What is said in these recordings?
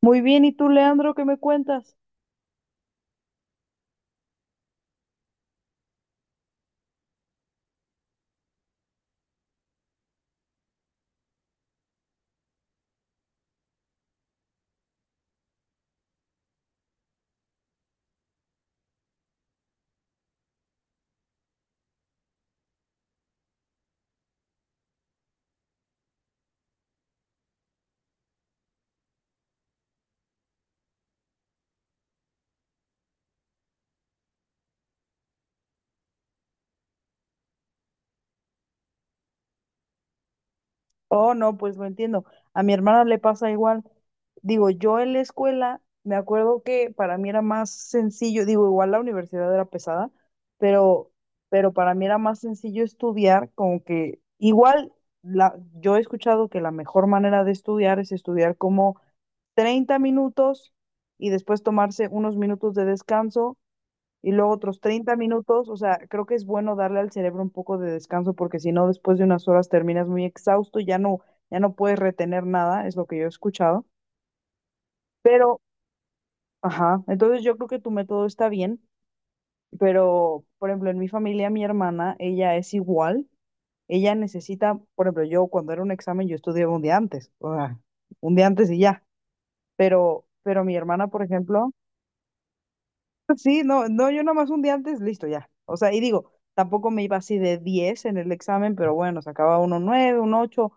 Muy bien, ¿y tú, Leandro, qué me cuentas? Oh, no, pues lo entiendo. A mi hermana le pasa igual. Digo, yo en la escuela, me acuerdo que para mí era más sencillo. Digo, igual la universidad era pesada, pero, pero para mí era más sencillo estudiar, como que igual yo he escuchado que la mejor manera de estudiar es estudiar como 30 minutos y después tomarse unos minutos de descanso y luego otros 30 minutos. O sea, creo que es bueno darle al cerebro un poco de descanso, porque si no, después de unas horas terminas muy exhausto, ya no puedes retener nada. Es lo que yo he escuchado. Pero, ajá, entonces yo creo que tu método está bien, pero, por ejemplo, en mi familia, mi hermana, ella es igual. Ella necesita, por ejemplo, yo cuando era un examen, yo estudiaba un día antes, o sea, un día antes y ya, pero mi hermana, por ejemplo. Sí, no, no, yo nomás un día antes, listo, ya. O sea, y digo, tampoco me iba así de 10 en el examen, pero bueno, sacaba uno 9 un ocho.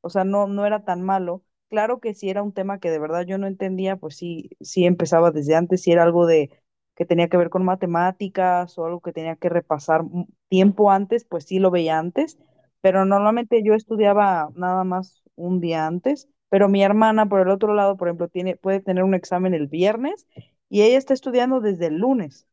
O sea, no, no era tan malo. Claro que si era un tema que de verdad yo no entendía, pues sí, sí empezaba desde antes. Si era algo de que tenía que ver con matemáticas o algo que tenía que repasar un tiempo antes, pues sí, lo veía antes. Pero normalmente yo estudiaba nada más un día antes. Pero mi hermana, por el otro lado, por ejemplo, puede tener un examen el viernes y ella está estudiando desde el lunes.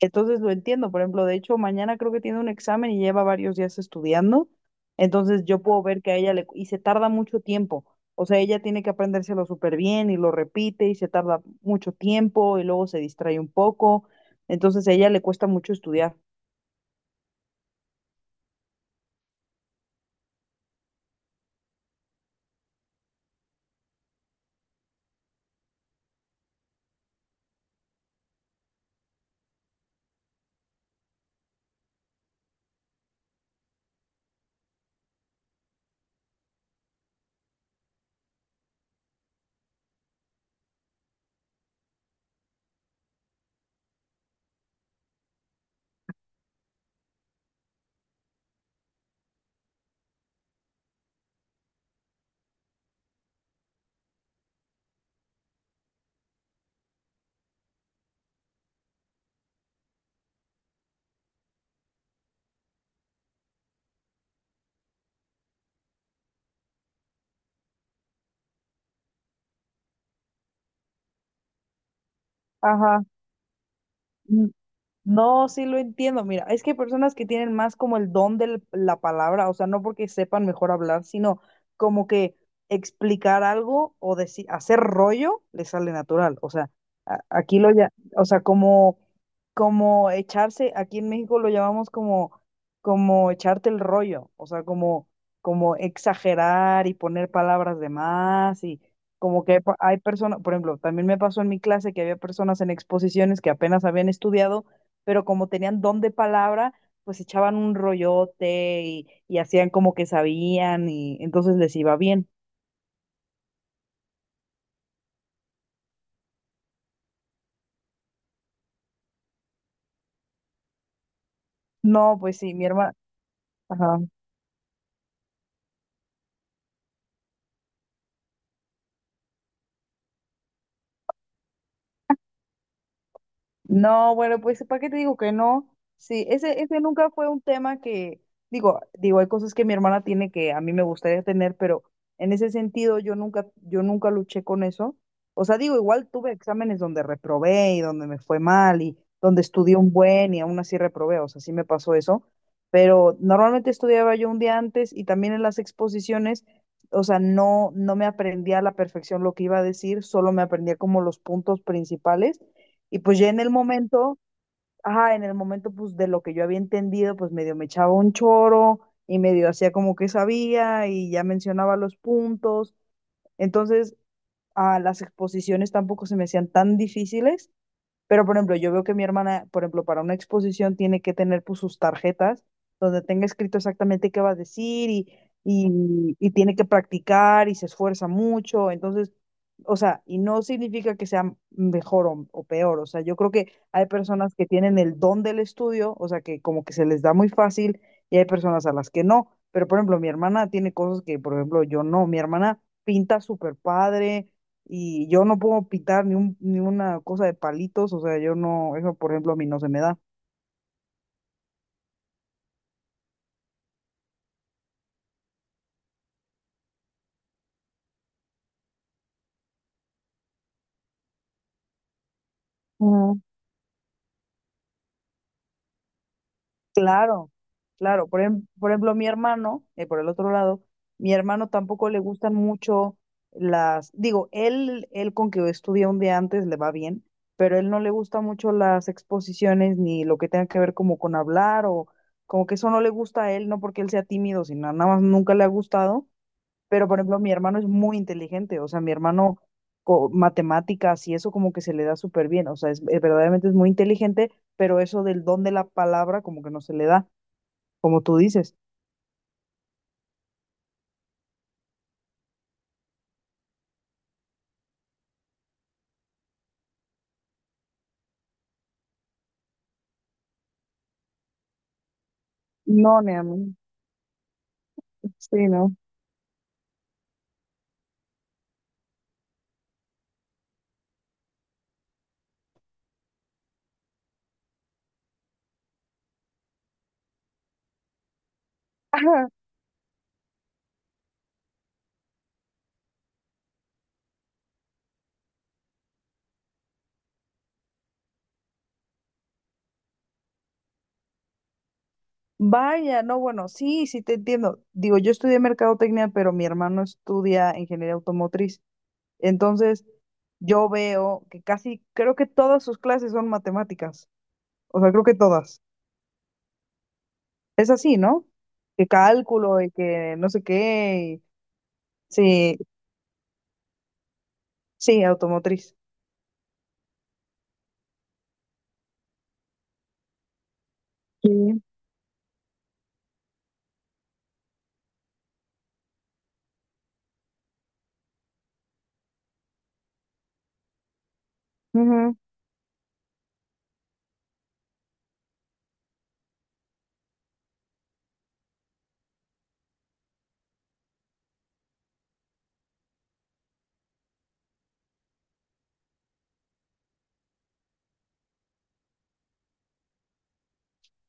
Entonces lo entiendo. Por ejemplo, de hecho, mañana creo que tiene un examen y lleva varios días estudiando. Entonces yo puedo ver que a ella le... Y se tarda mucho tiempo. O sea, ella tiene que aprendérselo súper bien y lo repite y se tarda mucho tiempo y luego se distrae un poco. Entonces a ella le cuesta mucho estudiar. Ajá. No, sí lo entiendo. Mira, es que hay personas que tienen más como el don de la palabra, o sea, no porque sepan mejor hablar, sino como que explicar algo o decir, hacer rollo, le sale natural. O sea, a- aquí lo ya, o sea, como echarse, aquí en México lo llamamos como, echarte el rollo, o sea, como, como exagerar y poner palabras de más. Y como que hay personas, por ejemplo, también me pasó en mi clase, que había personas en exposiciones que apenas habían estudiado, pero como tenían don de palabra, pues echaban un rollote y hacían como que sabían y entonces les iba bien. No, pues sí, mi hermana. No, bueno, pues ¿para qué te digo que no? Sí, ese nunca fue un tema que, digo, hay cosas que mi hermana tiene que a mí me gustaría tener, pero en ese sentido yo nunca luché con eso. O sea, digo, igual tuve exámenes donde reprobé y donde me fue mal y donde estudié un buen y aún así reprobé, o sea, sí me pasó eso. Pero normalmente estudiaba yo un día antes, y también en las exposiciones, o sea, no, no me aprendía a la perfección lo que iba a decir, solo me aprendía como los puntos principales y pues ya en el momento, ajá, en el momento, pues de lo que yo había entendido, pues medio me echaba un choro y medio hacía como que sabía y ya mencionaba los puntos. Entonces, a las exposiciones tampoco se me hacían tan difíciles. Pero, por ejemplo, yo veo que mi hermana, por ejemplo, para una exposición tiene que tener pues sus tarjetas donde tenga escrito exactamente qué va a decir, y tiene que practicar y se esfuerza mucho. Entonces, o sea, y no significa que sea mejor o peor. O sea, yo creo que hay personas que tienen el don del estudio, o sea, que como que se les da muy fácil, y hay personas a las que no. Pero, por ejemplo, mi hermana tiene cosas que, por ejemplo, yo no. Mi hermana pinta súper padre y yo no puedo pitar ni una cosa de palitos. O sea, yo no, eso por ejemplo a mí no se me da. Mm. Claro, claro, por ejemplo mi hermano, por el otro lado, mi hermano tampoco le gustan mucho digo, él con que estudia un día antes le va bien, pero él no le gusta mucho las exposiciones, ni lo que tenga que ver como con hablar, o como que eso no le gusta a él, no porque él sea tímido, sino nada más nunca le ha gustado. Pero, por ejemplo, mi hermano es muy inteligente, o sea, mi hermano, matemáticas y eso como que se le da súper bien, o sea, es, verdaderamente es muy inteligente, pero eso del don de la palabra como que no se le da, como tú dices. No, ni a mí. Sí, no. Ajá. Vaya, no, bueno, sí, sí te entiendo. Digo, yo estudié mercadotecnia, pero mi hermano estudia ingeniería automotriz. Entonces, yo veo que casi, creo que todas sus clases son matemáticas. O sea, creo que todas. Es así, ¿no? Que cálculo y que no sé qué. Sí, sí, automotriz. Sí. Ujú.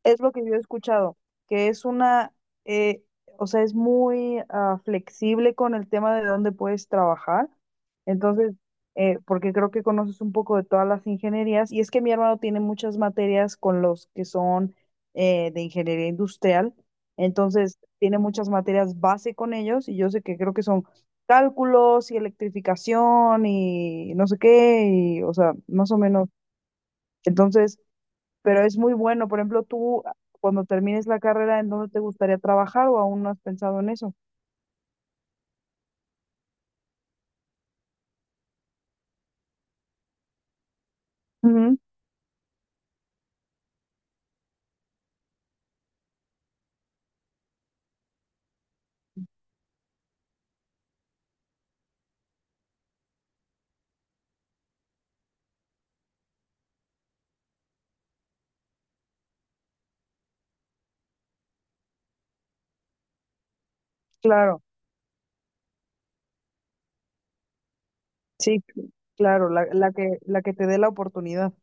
Es lo que yo he escuchado, que es eh, o sea, es muy flexible con el tema de dónde puedes trabajar. Entonces, porque creo que conoces un poco de todas las ingenierías, y es que mi hermano tiene muchas materias con los que son de ingeniería industrial. Entonces tiene muchas materias base con ellos, y yo sé que creo que son cálculos y electrificación y no sé qué, y, o sea, más o menos. Entonces, pero es muy bueno. Por ejemplo, tú, cuando termines la carrera, ¿en dónde te gustaría trabajar o aún no has pensado en eso? Ujú. Claro. Sí, claro, la que te dé la oportunidad.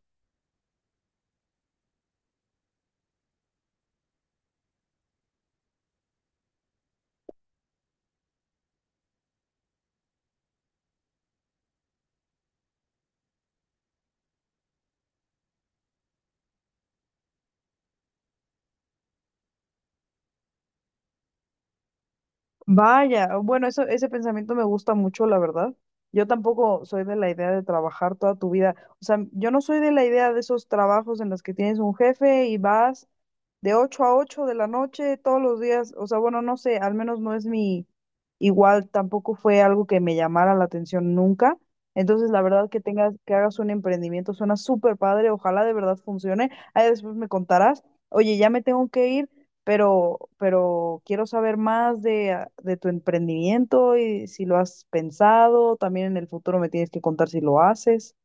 Vaya, bueno, ese pensamiento me gusta mucho, la verdad. Yo tampoco soy de la idea de trabajar toda tu vida. O sea, yo no soy de la idea de esos trabajos en los que tienes un jefe y vas de 8 a 8 de la noche todos los días. O sea, bueno, no sé, al menos no es mi, igual tampoco fue algo que me llamara la atención nunca. Entonces, la verdad, que que hagas un emprendimiento suena súper padre, ojalá de verdad funcione. Ahí después me contarás. Oye, ya me tengo que ir, pero, quiero saber más de tu emprendimiento y si lo has pensado. También en el futuro me tienes que contar si lo haces.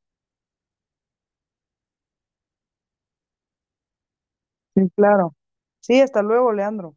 Sí, claro. Sí, hasta luego, Leandro.